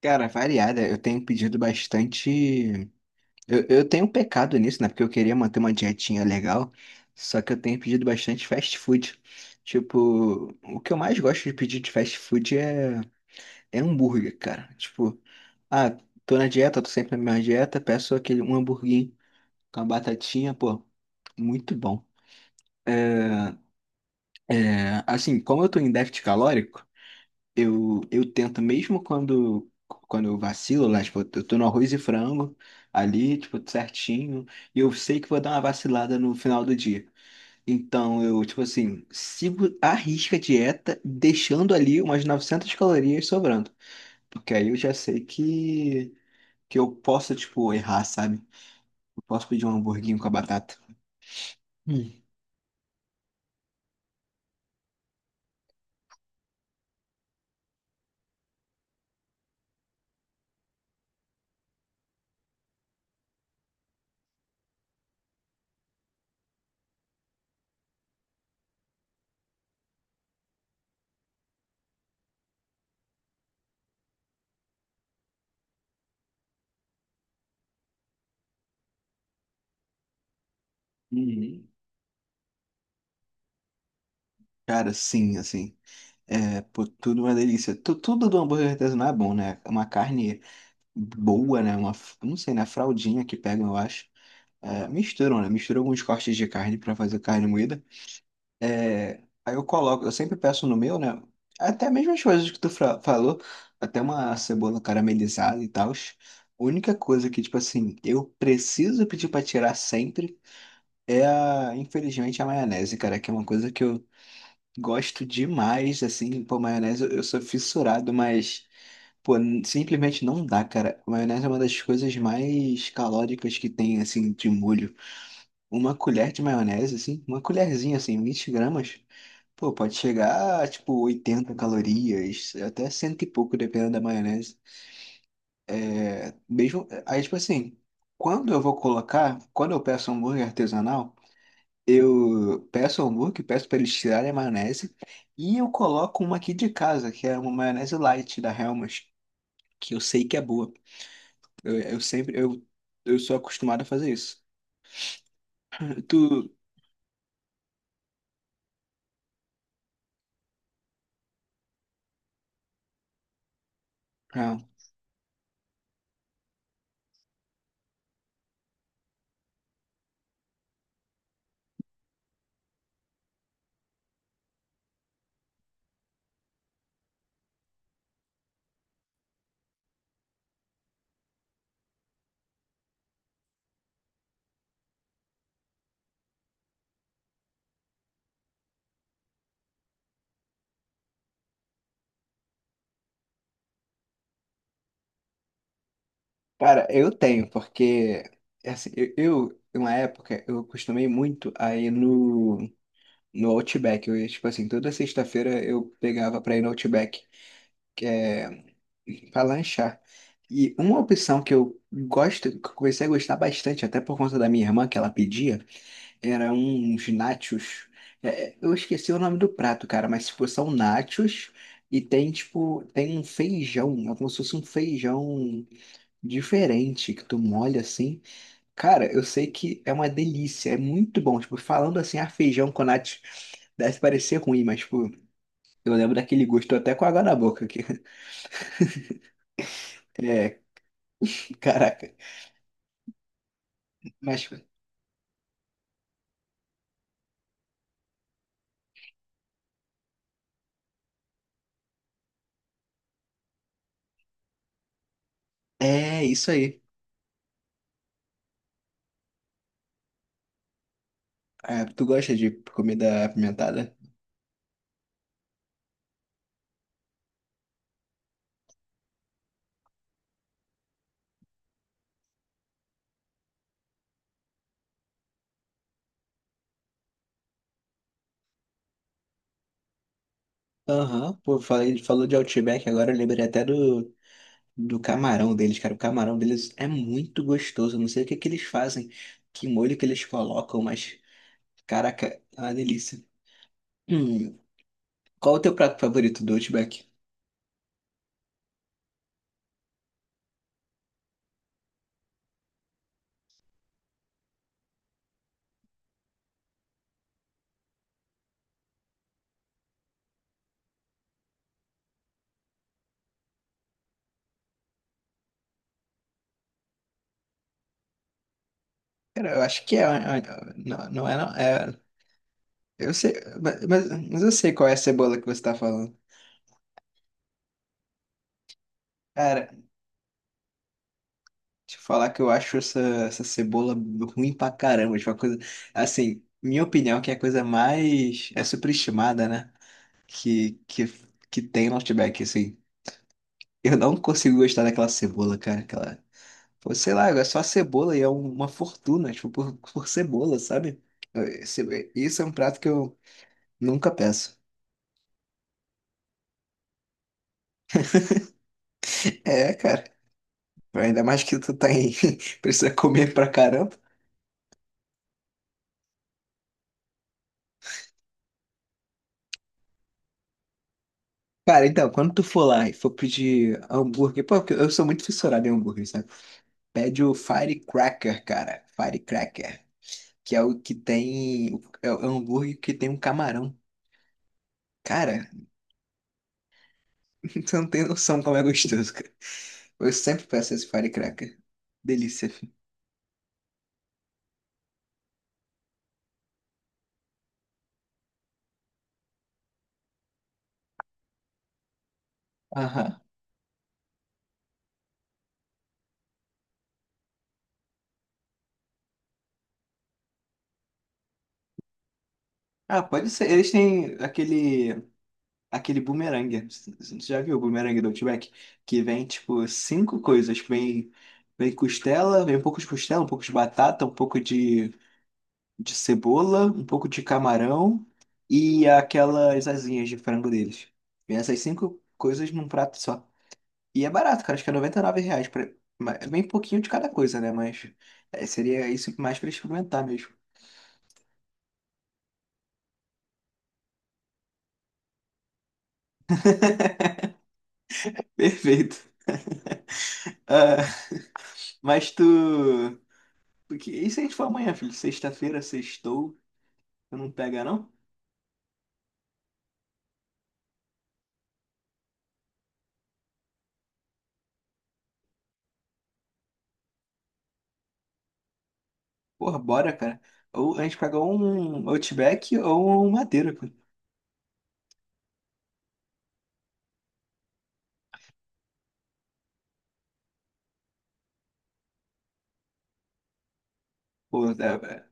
Cara, variada. Eu tenho pedido bastante. Eu tenho um pecado nisso, né? Porque eu queria manter uma dietinha legal. Só que eu tenho pedido bastante fast food. Tipo, o que eu mais gosto de pedir de fast food é hambúrguer, cara. Tipo, ah, tô na dieta, tô sempre na minha dieta, peço aquele um hamburguinho com a batatinha, pô, muito bom. É, é, assim, como eu tô em déficit calórico. Eu tento, mesmo quando eu vacilo, lá, tipo, eu tô no arroz e frango ali, tipo, certinho, e eu sei que vou dar uma vacilada no final do dia. Então, eu, tipo assim, sigo à risca a dieta, deixando ali umas 900 calorias sobrando. Porque aí eu já sei que eu posso, tipo, errar, sabe? Eu posso pedir um hamburguinho com a batata. Hum. Uhum. Cara, sim, assim. É, pô, tudo uma delícia. Tudo do hambúrguer artesanal é bom, né? Uma carne boa, né? Uma, eu não sei, né? Fraldinha que pegam, eu acho. É, misturam, né? Misturam alguns cortes de carne pra fazer carne moída. É, aí eu coloco, eu sempre peço no meu, né? Até mesmo as coisas que tu falou, até uma cebola caramelizada e tal. A única coisa que, tipo assim, eu preciso pedir pra tirar sempre é, infelizmente, a maionese, cara, que é uma coisa que eu gosto demais, assim, pô, maionese eu sou fissurado, mas. Pô, simplesmente não dá, cara. Maionese é uma das coisas mais calóricas que tem, assim, de molho. Uma colher de maionese, assim, uma colherzinha, assim, 20 gramas, pô, pode chegar a, tipo, 80 calorias, até cento e pouco, dependendo da maionese. É, mesmo, aí, tipo assim, quando eu vou colocar, quando eu peço hambúrguer artesanal, eu peço hambúrguer, peço pra eles tirarem a maionese, e eu coloco uma aqui de casa, que é uma maionese light da Hellmann's, que eu sei que é boa. Eu sempre, eu sou acostumado a fazer isso. Tu, ah, cara, eu tenho, porque assim, eu, em uma época, eu acostumei muito a ir no Outback. Eu ia, tipo assim, toda sexta-feira eu pegava pra ir no Outback, que é pra lanchar. E uma opção que eu gosto, que eu comecei a gostar bastante, até por conta da minha irmã, que ela pedia, era uns nachos. É, eu esqueci o nome do prato, cara, mas tipo, são nachos e tem tipo, tem um feijão, é como se fosse um feijão diferente que tu molha assim. Cara, eu sei que é uma delícia, é muito bom. Tipo, falando assim, ah, feijão com nachos deve parecer ruim, mas tipo, eu lembro daquele gosto, tô até com água na boca que é, que caraca. Mas é isso aí. É, tu gosta de comida apimentada? Aham, pô, ele falou de Outback agora, eu lembrei até do camarão deles, cara. O camarão deles é muito gostoso. Eu não sei o que que eles fazem, que molho que eles colocam, mas, caraca, é uma delícia. Hum, qual o teu prato favorito do Outback? Cara, eu acho que é. Não, não é, não. É, eu sei, mas eu sei qual é a cebola que você tá falando. Cara, deixa eu falar que eu acho essa cebola ruim pra caramba. Tipo, uma coisa. Assim, minha opinião é que é a coisa mais, é superestimada, né? que, que, que tem no Outback, assim. Eu não consigo gostar daquela cebola, cara. Aquela. Pô, sei lá, é só cebola e é uma fortuna, tipo, por cebola, sabe? Isso é um prato que eu nunca peço. É, cara. Ainda mais que tu tá em. Precisa comer pra caramba. Cara, então, quando tu for lá e for pedir hambúrguer, pô, porque eu sou muito fissurado em hambúrguer, sabe? Pede o Firecracker, cara. Firecracker. Que é o que tem. É o hambúrguer que tem um camarão. Cara, você não tem noção como é gostoso, cara. Eu sempre peço esse firecracker. Delícia, filho. Aham. Ah, pode ser. Eles têm aquele bumerangue. Você já viu o bumerangue do Outback? Que vem, tipo, cinco coisas. Vem costela, vem um pouco de costela, um pouco de batata, um pouco de cebola, um pouco de camarão e aquelas asinhas de frango deles. Vem essas cinco coisas num prato só. E é barato, cara. Acho que é R$ 99. É bem pouquinho de cada coisa, né? Mas seria isso mais pra experimentar mesmo. Perfeito. Ah, mas tu. Porque. E se a gente for amanhã, filho? Sexta-feira, sextou. Tu não pega, não? Porra, bora, cara. Ou a gente pega um Outback ou um Madeira, pô. Pô,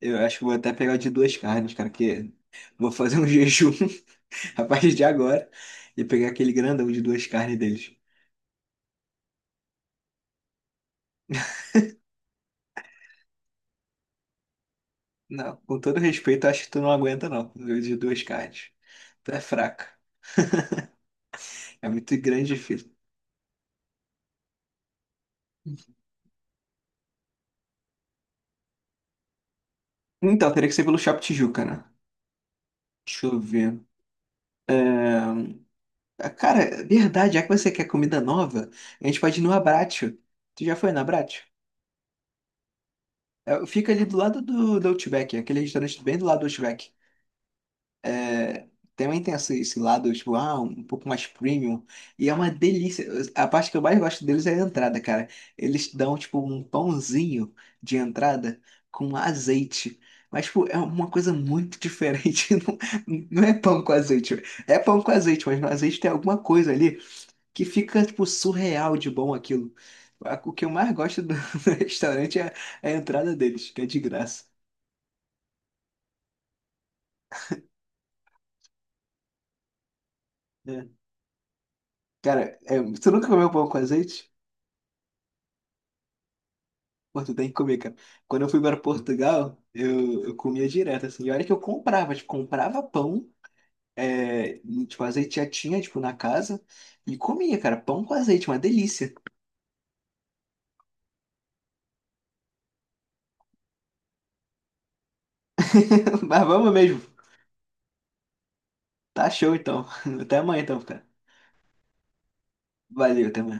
eu acho que vou até pegar o de duas carnes, cara, que vou fazer um jejum a partir de agora e pegar aquele grandão de duas carnes deles. Não, com todo respeito, acho que tu não aguenta, não. Dois de duas cartas. Tu é fraca. É muito grande, filho. Então, teria que ser pelo Shopping Tijuca, né? Deixa eu ver. É, cara, é verdade, já que você quer comida nova, a gente pode ir no Abbraccio. Tu já foi no Abbraccio? É, fica ali do lado do Outback, aquele restaurante bem do lado do Outback. Também tem esse lado, tipo, ah, um pouco mais premium. E é uma delícia. A parte que eu mais gosto deles é a entrada, cara. Eles dão, tipo, um pãozinho de entrada com azeite. Mas, tipo, é uma coisa muito diferente. Não, não é pão com azeite. É pão com azeite, mas no azeite tem alguma coisa ali que fica, tipo, surreal de bom aquilo. O que eu mais gosto do do restaurante é a entrada deles, que é de graça. É. Cara, é, você nunca comeu pão com azeite? Pô, tu tem que comer, cara. Quando eu fui para Portugal, eu comia direto, assim. E olha que eu comprava, tipo, comprava pão, e, tipo, azeite já tinha, tipo, na casa, e comia, cara. Pão com azeite, uma delícia. Mas vamos mesmo. Tá show, então. Até amanhã, então, cara. Valeu, até amanhã.